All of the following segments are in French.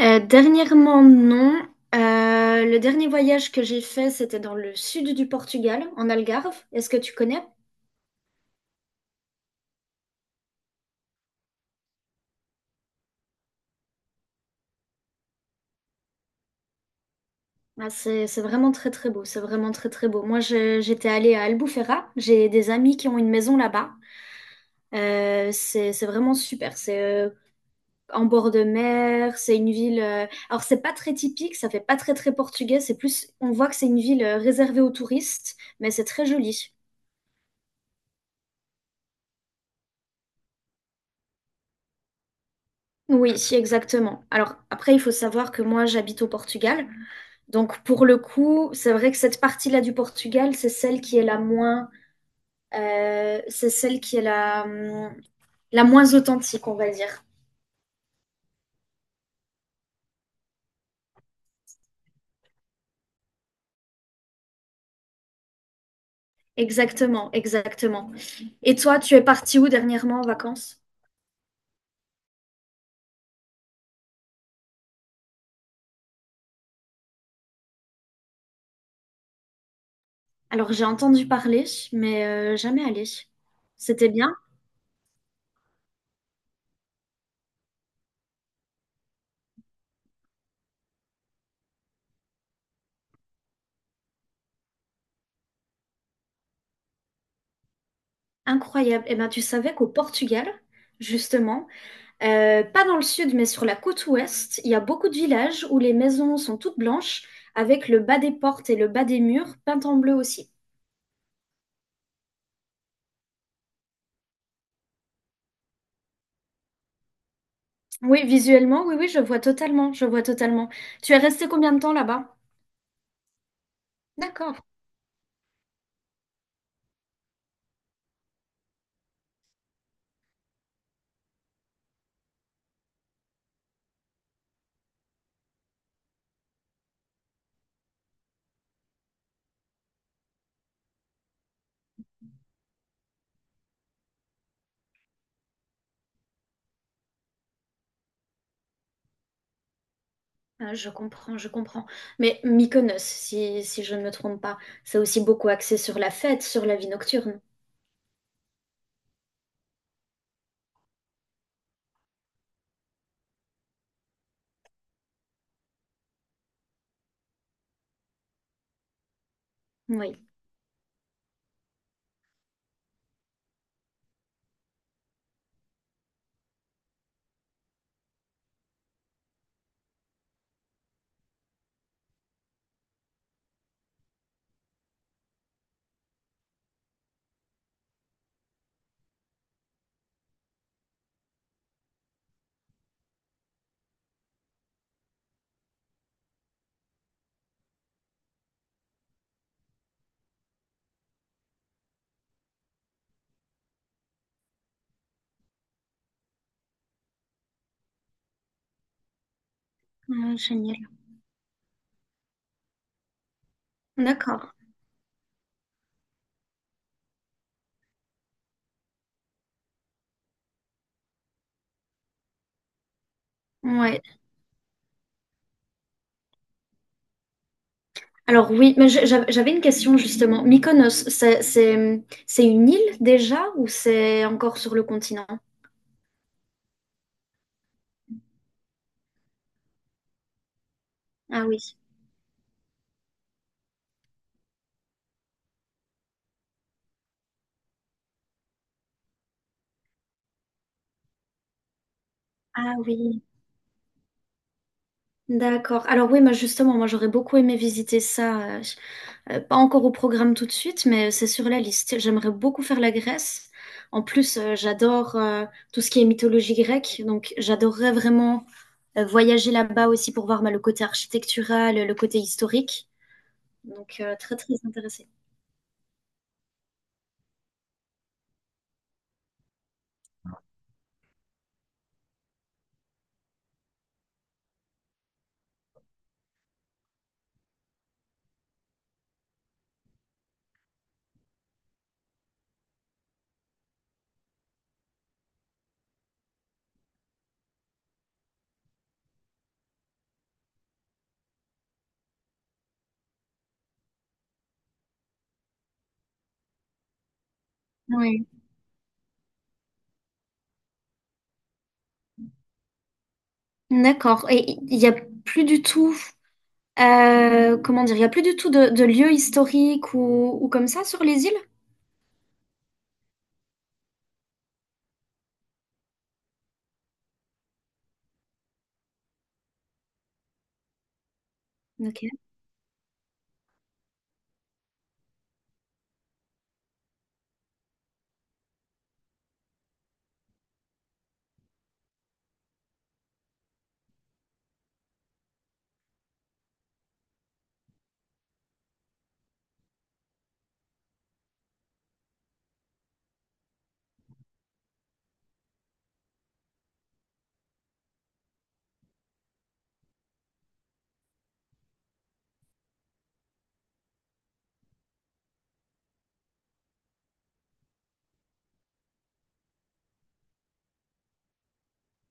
Dernièrement, non. Le dernier voyage que j'ai fait, c'était dans le sud du Portugal, en Algarve. Est-ce que tu connais? Ah, c'est vraiment très très beau. C'est vraiment très très beau. Moi, j'étais allée à Albufeira. J'ai des amis qui ont une maison là-bas. C'est vraiment super. C'est en bord de mer. C'est une ville. Alors, c'est pas très typique. Ça fait pas très très portugais. C'est plus. On voit que c'est une ville réservée aux touristes, mais c'est très joli. Oui, si, exactement. Alors après, il faut savoir que moi, j'habite au Portugal. Donc pour le coup, c'est vrai que cette partie-là du Portugal, c'est celle qui est la moins, c'est celle qui est la, la moins authentique, on va dire. Exactement, exactement. Et toi, tu es parti où dernièrement en vacances? Alors j'ai entendu parler, mais jamais allé. C'était bien, incroyable. Et ben tu savais qu'au Portugal, justement, pas dans le sud, mais sur la côte ouest, il y a beaucoup de villages où les maisons sont toutes blanches, avec le bas des portes et le bas des murs peints en bleu aussi. Oui, visuellement, oui, oui, je vois totalement, je vois totalement. Tu es resté combien de temps là-bas? D'accord. Ah, je comprends, je comprends. Mais Mykonos, si, si je ne me trompe pas, c'est aussi beaucoup axé sur la fête, sur la vie nocturne. Oui. Ah, génial. D'accord. Ouais. Alors oui, mais j'avais une question justement. Mykonos, c'est une île déjà ou c'est encore sur le continent? Ah oui. Ah oui. D'accord. Alors oui, moi justement, moi j'aurais beaucoup aimé visiter ça. Pas encore au programme tout de suite, mais c'est sur la liste. J'aimerais beaucoup faire la Grèce. En plus, j'adore tout ce qui est mythologie grecque, donc j'adorerais vraiment voyager là-bas aussi pour voir bah, le côté architectural, le côté historique. Donc très très intéressée. Oui. D'accord. Et il n'y a plus du tout, comment dire, il n'y a plus du tout de lieux historiques ou comme ça sur les îles? Ok.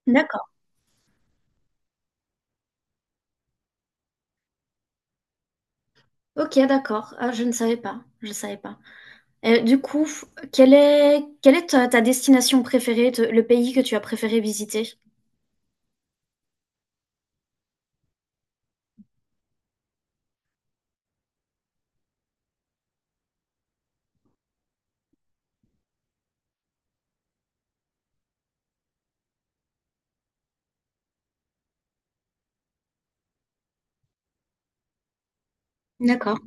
D'accord. Ok, d'accord. Ah, je ne savais pas. Je savais pas. Du coup, quelle est ta destination préférée, te le pays que tu as préféré visiter? D'accord.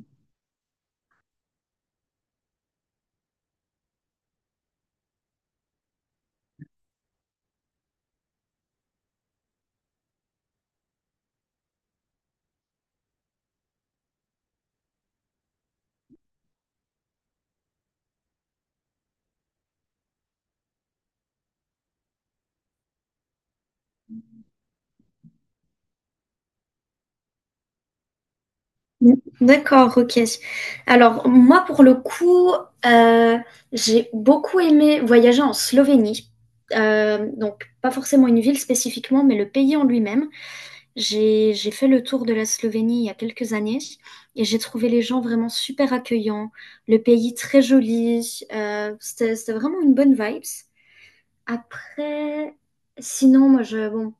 Mmh. D'accord, OK. Alors moi, pour le coup, heu, j'ai beaucoup aimé voyager en Slovénie. Donc pas forcément une ville spécifiquement, mais le pays en lui-même. J'ai fait le tour de la Slovénie il y a quelques années et j'ai trouvé les gens vraiment super accueillants, le pays très joli, c'était vraiment une bonne vibes. Après, sinon, moi, je, bon,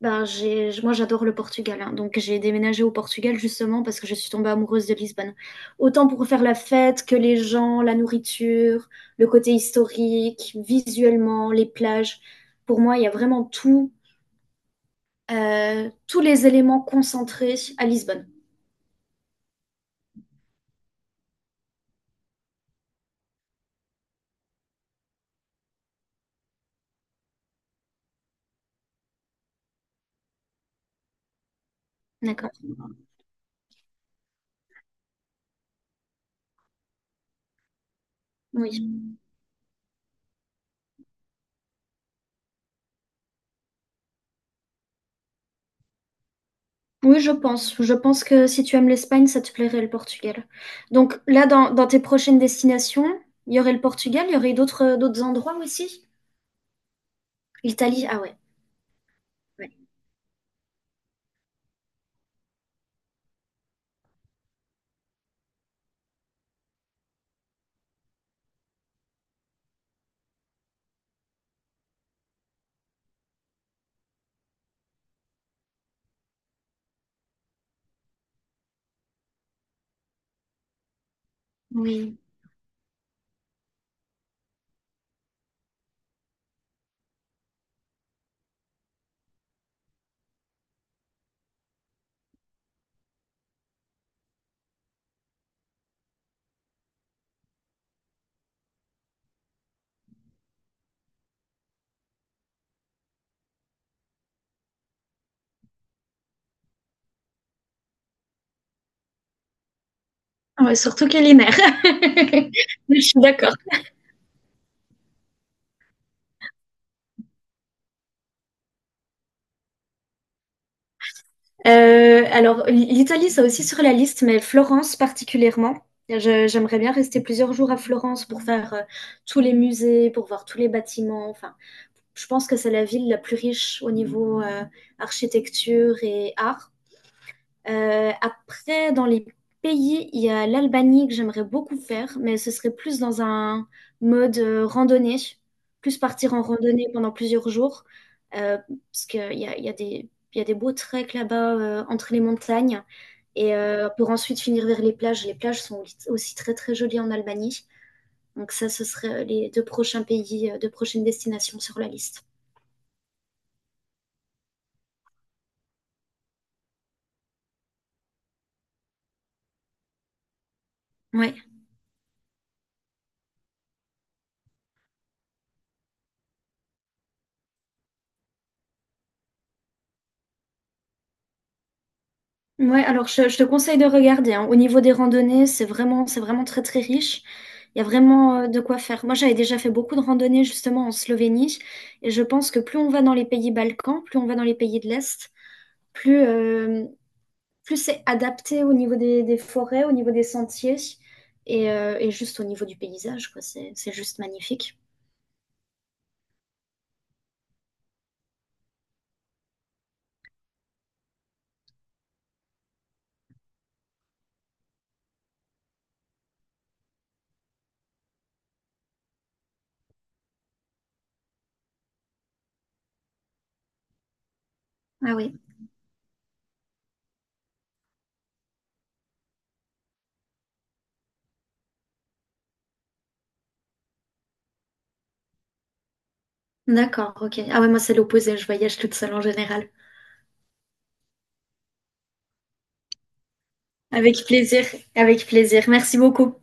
ben, j'ai, moi, j'adore le Portugal, hein. Donc j'ai déménagé au Portugal justement parce que je suis tombée amoureuse de Lisbonne. Autant pour faire la fête que les gens, la nourriture, le côté historique, visuellement, les plages. Pour moi, il y a vraiment tout, tous les éléments concentrés à Lisbonne. D'accord. Oui. Oui, je pense. Je pense que si tu aimes l'Espagne, ça te plairait le Portugal. Donc là, dans tes prochaines destinations, il y aurait le Portugal, il y aurait d'autres endroits aussi? L'Italie, ah ouais. Ouais. Oui. Ah ouais, surtout culinaire. Je suis d'accord. Alors, l'Italie, c'est aussi sur la liste, mais Florence particulièrement. J'aimerais bien rester plusieurs jours à Florence pour faire tous les musées, pour voir tous les bâtiments. Enfin, je pense que c'est la ville la plus riche au niveau architecture et art. Après, dans les pays, il y a l'Albanie que j'aimerais beaucoup faire, mais ce serait plus dans un mode randonnée, plus partir en randonnée pendant plusieurs jours, euh, parce qu'il y a, il y a des beaux treks là-bas entre les montagnes, et pour ensuite finir vers les plages. Les plages sont aussi très très jolies en Albanie, donc ça, ce serait les deux prochains pays, deux prochaines destinations sur la liste. Ouais. Ouais, alors je te conseille de regarder. Hein. Au niveau des randonnées, c'est vraiment très très riche. Il y a vraiment de quoi faire. Moi, j'avais déjà fait beaucoup de randonnées justement en Slovénie, et je pense que plus on va dans les pays Balkans, plus on va dans les pays de l'Est, plus, plus c'est adapté au niveau des forêts, au niveau des sentiers, et juste au niveau du paysage, quoi. C'est juste magnifique. Ah oui, d'accord, ok. Ah ouais, moi c'est l'opposé, je voyage toute seule en général. Avec plaisir, avec plaisir. Merci beaucoup.